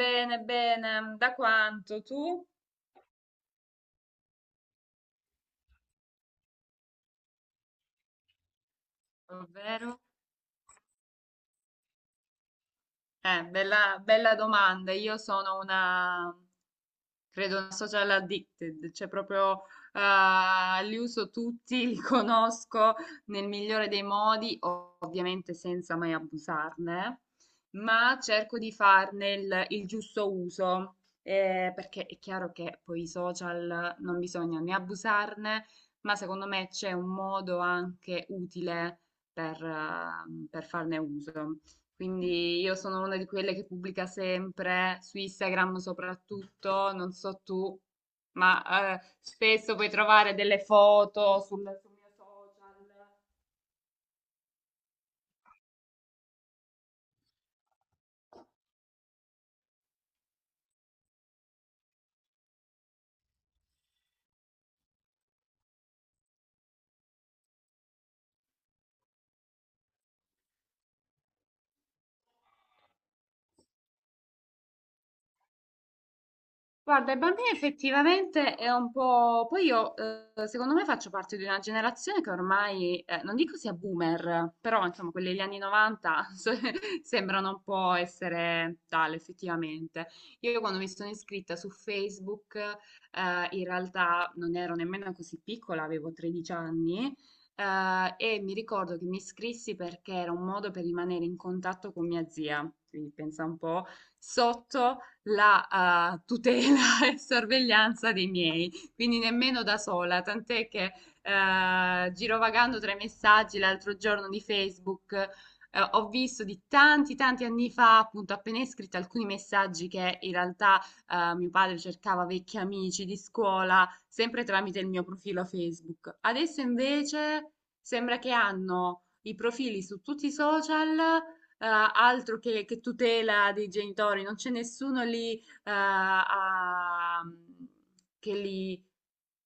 Bene, bene, da quanto tu? Ovvero? Bella, bella domanda. Io sono una Credo una social addicted, cioè proprio li uso tutti, li conosco nel migliore dei modi, ovviamente senza mai abusarne, ma cerco di farne il giusto uso, perché è chiaro che poi i social non bisogna né abusarne, ma secondo me c'è un modo anche utile per, ah, per farne uso. Quindi io sono una di quelle che pubblica sempre su Instagram soprattutto, non so tu, ma spesso puoi trovare delle foto sul mio social. Guarda, i bambini effettivamente è un po'. Poi io, secondo me, faccio parte di una generazione che ormai, non dico sia boomer, però insomma, quelli degli anni 90 sembrano un po' essere tale, effettivamente. Io quando mi sono iscritta su Facebook, in realtà non ero nemmeno così piccola, avevo 13 anni, e mi ricordo che mi iscrissi perché era un modo per rimanere in contatto con mia zia, quindi pensa un po', sotto la tutela e sorveglianza dei miei, quindi nemmeno da sola, tant'è che girovagando tra i messaggi l'altro giorno di Facebook ho visto di tanti tanti anni fa, appunto appena iscritta, alcuni messaggi che in realtà mio padre cercava vecchi amici di scuola, sempre tramite il mio profilo Facebook. Adesso invece sembra che hanno i profili su tutti i social altro che tutela dei genitori, non c'è nessuno lì eh, a- che li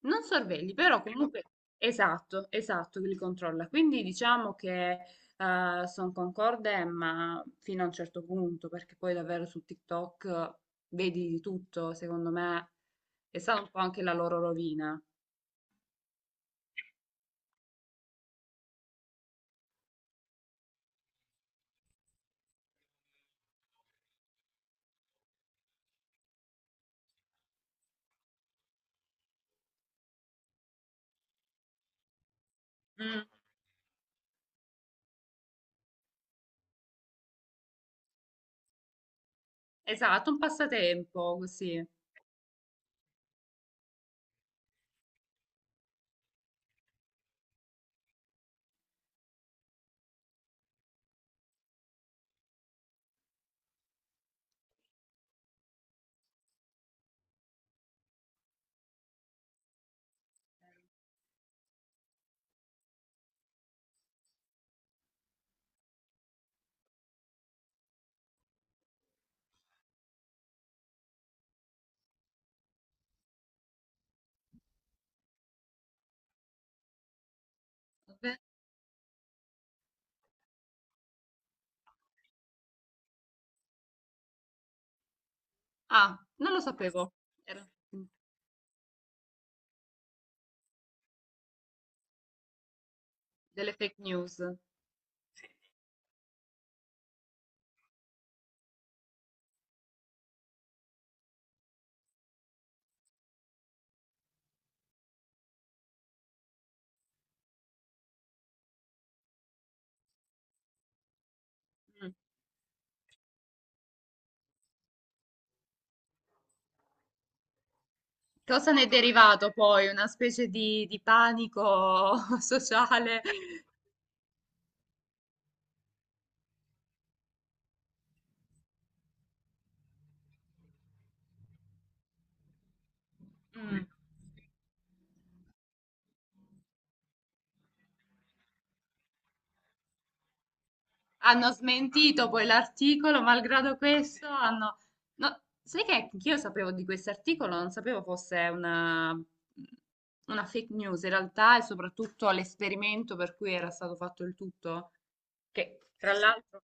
non sorvegli, però comunque esatto, esatto, che li controlla. Quindi diciamo che sono concorde, ma fino a un certo punto, perché poi davvero su TikTok vedi di tutto, secondo me è stata un po' anche la loro rovina. Mm, esatto, un passatempo così. Vabbè. Ah, non lo sapevo. Era delle fake news. Mm. Cosa ne è derivato poi? Una specie di panico sociale. Mm. Hanno smentito poi l'articolo, malgrado questo hanno. No, sai che io sapevo di questo articolo, non sapevo fosse una fake news in realtà e soprattutto l'esperimento per cui era stato fatto il tutto, che tra l'altro.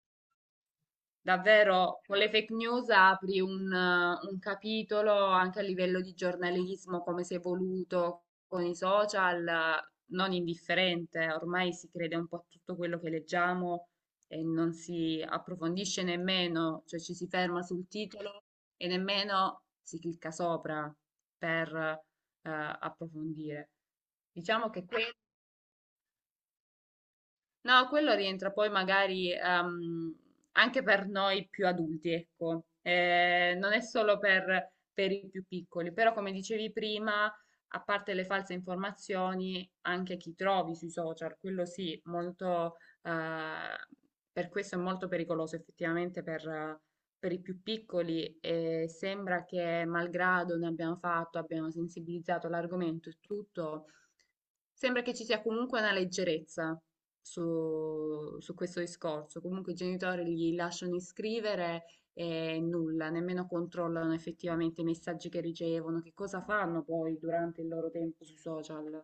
Davvero, con le fake news apri un capitolo anche a livello di giornalismo, come si è evoluto con i social, non indifferente. Ormai si crede un po' a tutto quello che leggiamo e non si approfondisce nemmeno, cioè ci si ferma sul titolo e nemmeno si clicca sopra per approfondire. Diciamo che questo No, quello rientra poi magari anche per noi più adulti, ecco. Non è solo per i più piccoli, però come dicevi prima, a parte le false informazioni, anche chi trovi sui social, quello sì, molto, per questo è molto pericoloso effettivamente per i più piccoli e sembra che malgrado ne abbiamo fatto, abbiamo sensibilizzato l'argomento e tutto. Sembra che ci sia comunque una leggerezza su questo discorso. Comunque i genitori li lasciano iscrivere e nulla, nemmeno controllano effettivamente i messaggi che ricevono, che cosa fanno poi durante il loro tempo sui social.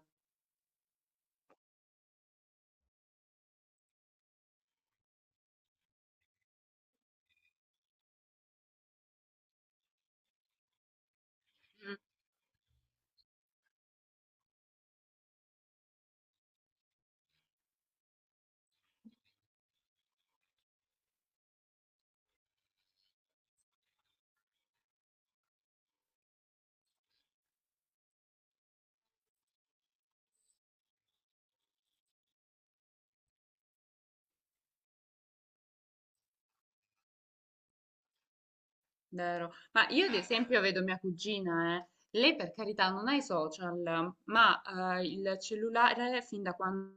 Vero. Ma io ad esempio vedo mia cugina, eh. Lei per carità non ha i social, ma il cellulare fin da quando,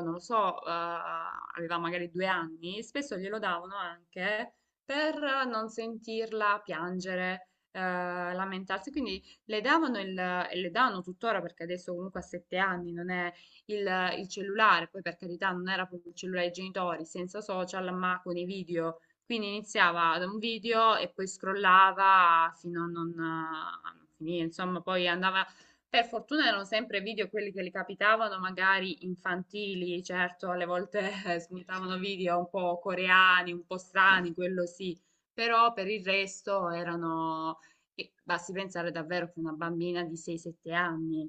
non lo so, aveva magari 2 anni, spesso glielo davano anche per non sentirla piangere, lamentarsi. Quindi le davano e le danno tuttora perché adesso comunque a 7 anni non è il cellulare, poi per carità non era proprio il cellulare dei genitori, senza social, ma con i video quindi iniziava da un video e poi scrollava fino a non finire, insomma, poi andava. Per fortuna erano sempre video quelli che gli capitavano, magari infantili, certo, alle volte spuntavano video un po' coreani, un po' strani, quello sì, però per il resto e basti pensare davvero che una bambina di 6-7 anni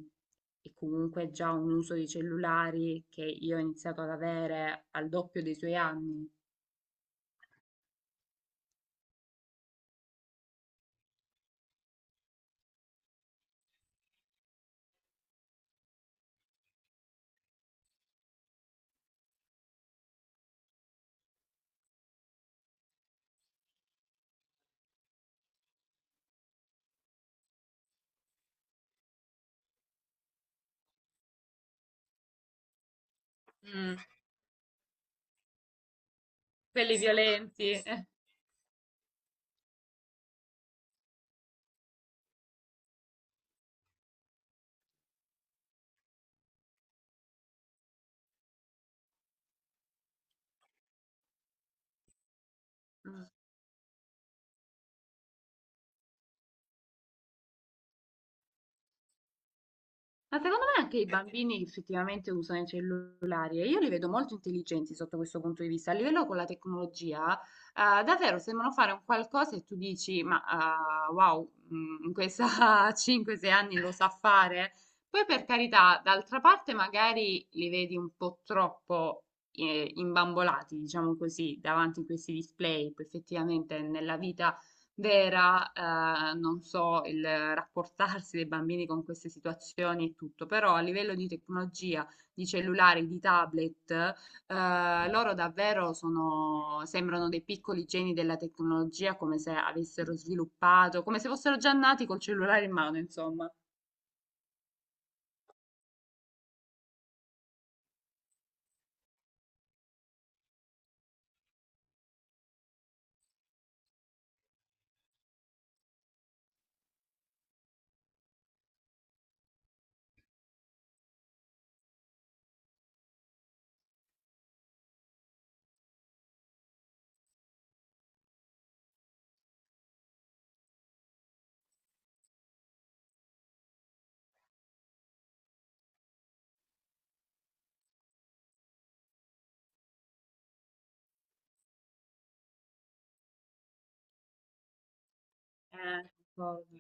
e comunque già un uso di cellulari che io ho iniziato ad avere al doppio dei suoi anni. Mm. Quelli violenti. Mm. Ma secondo me anche i bambini effettivamente usano i cellulari e io li vedo molto intelligenti sotto questo punto di vista. A livello con la tecnologia, davvero sembrano fare un qualcosa e tu dici, ma wow, in questa 5-6 anni lo sa fare. Poi per carità, d'altra parte magari li vedi un po' troppo imbambolati, diciamo così, davanti a questi display, poi effettivamente nella vita vera, non so, il rapportarsi dei bambini con queste situazioni e tutto, però a livello di tecnologia, di cellulari, di tablet, loro davvero sono, sembrano dei piccoli geni della tecnologia, come se avessero sviluppato, come se fossero già nati col cellulare in mano, insomma. Eh, concordo.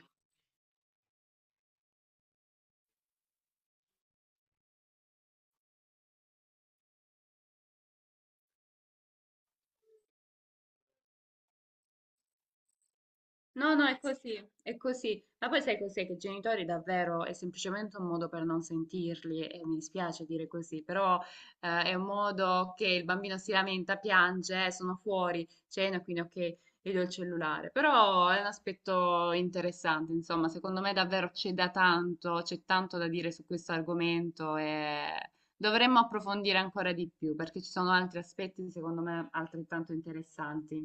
No, no, è così, è così. Ma poi sai cos'è? Che i genitori davvero è semplicemente un modo per non sentirli e mi dispiace dire così, però è un modo che il bambino si lamenta, piange, sono fuori, cena, quindi ok, gli do il cellulare". Però è un aspetto interessante, insomma, secondo me davvero c'è tanto da dire su questo argomento e dovremmo approfondire ancora di più perché ci sono altri aspetti, secondo me, altrettanto interessanti.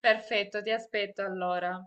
Perfetto, ti aspetto allora.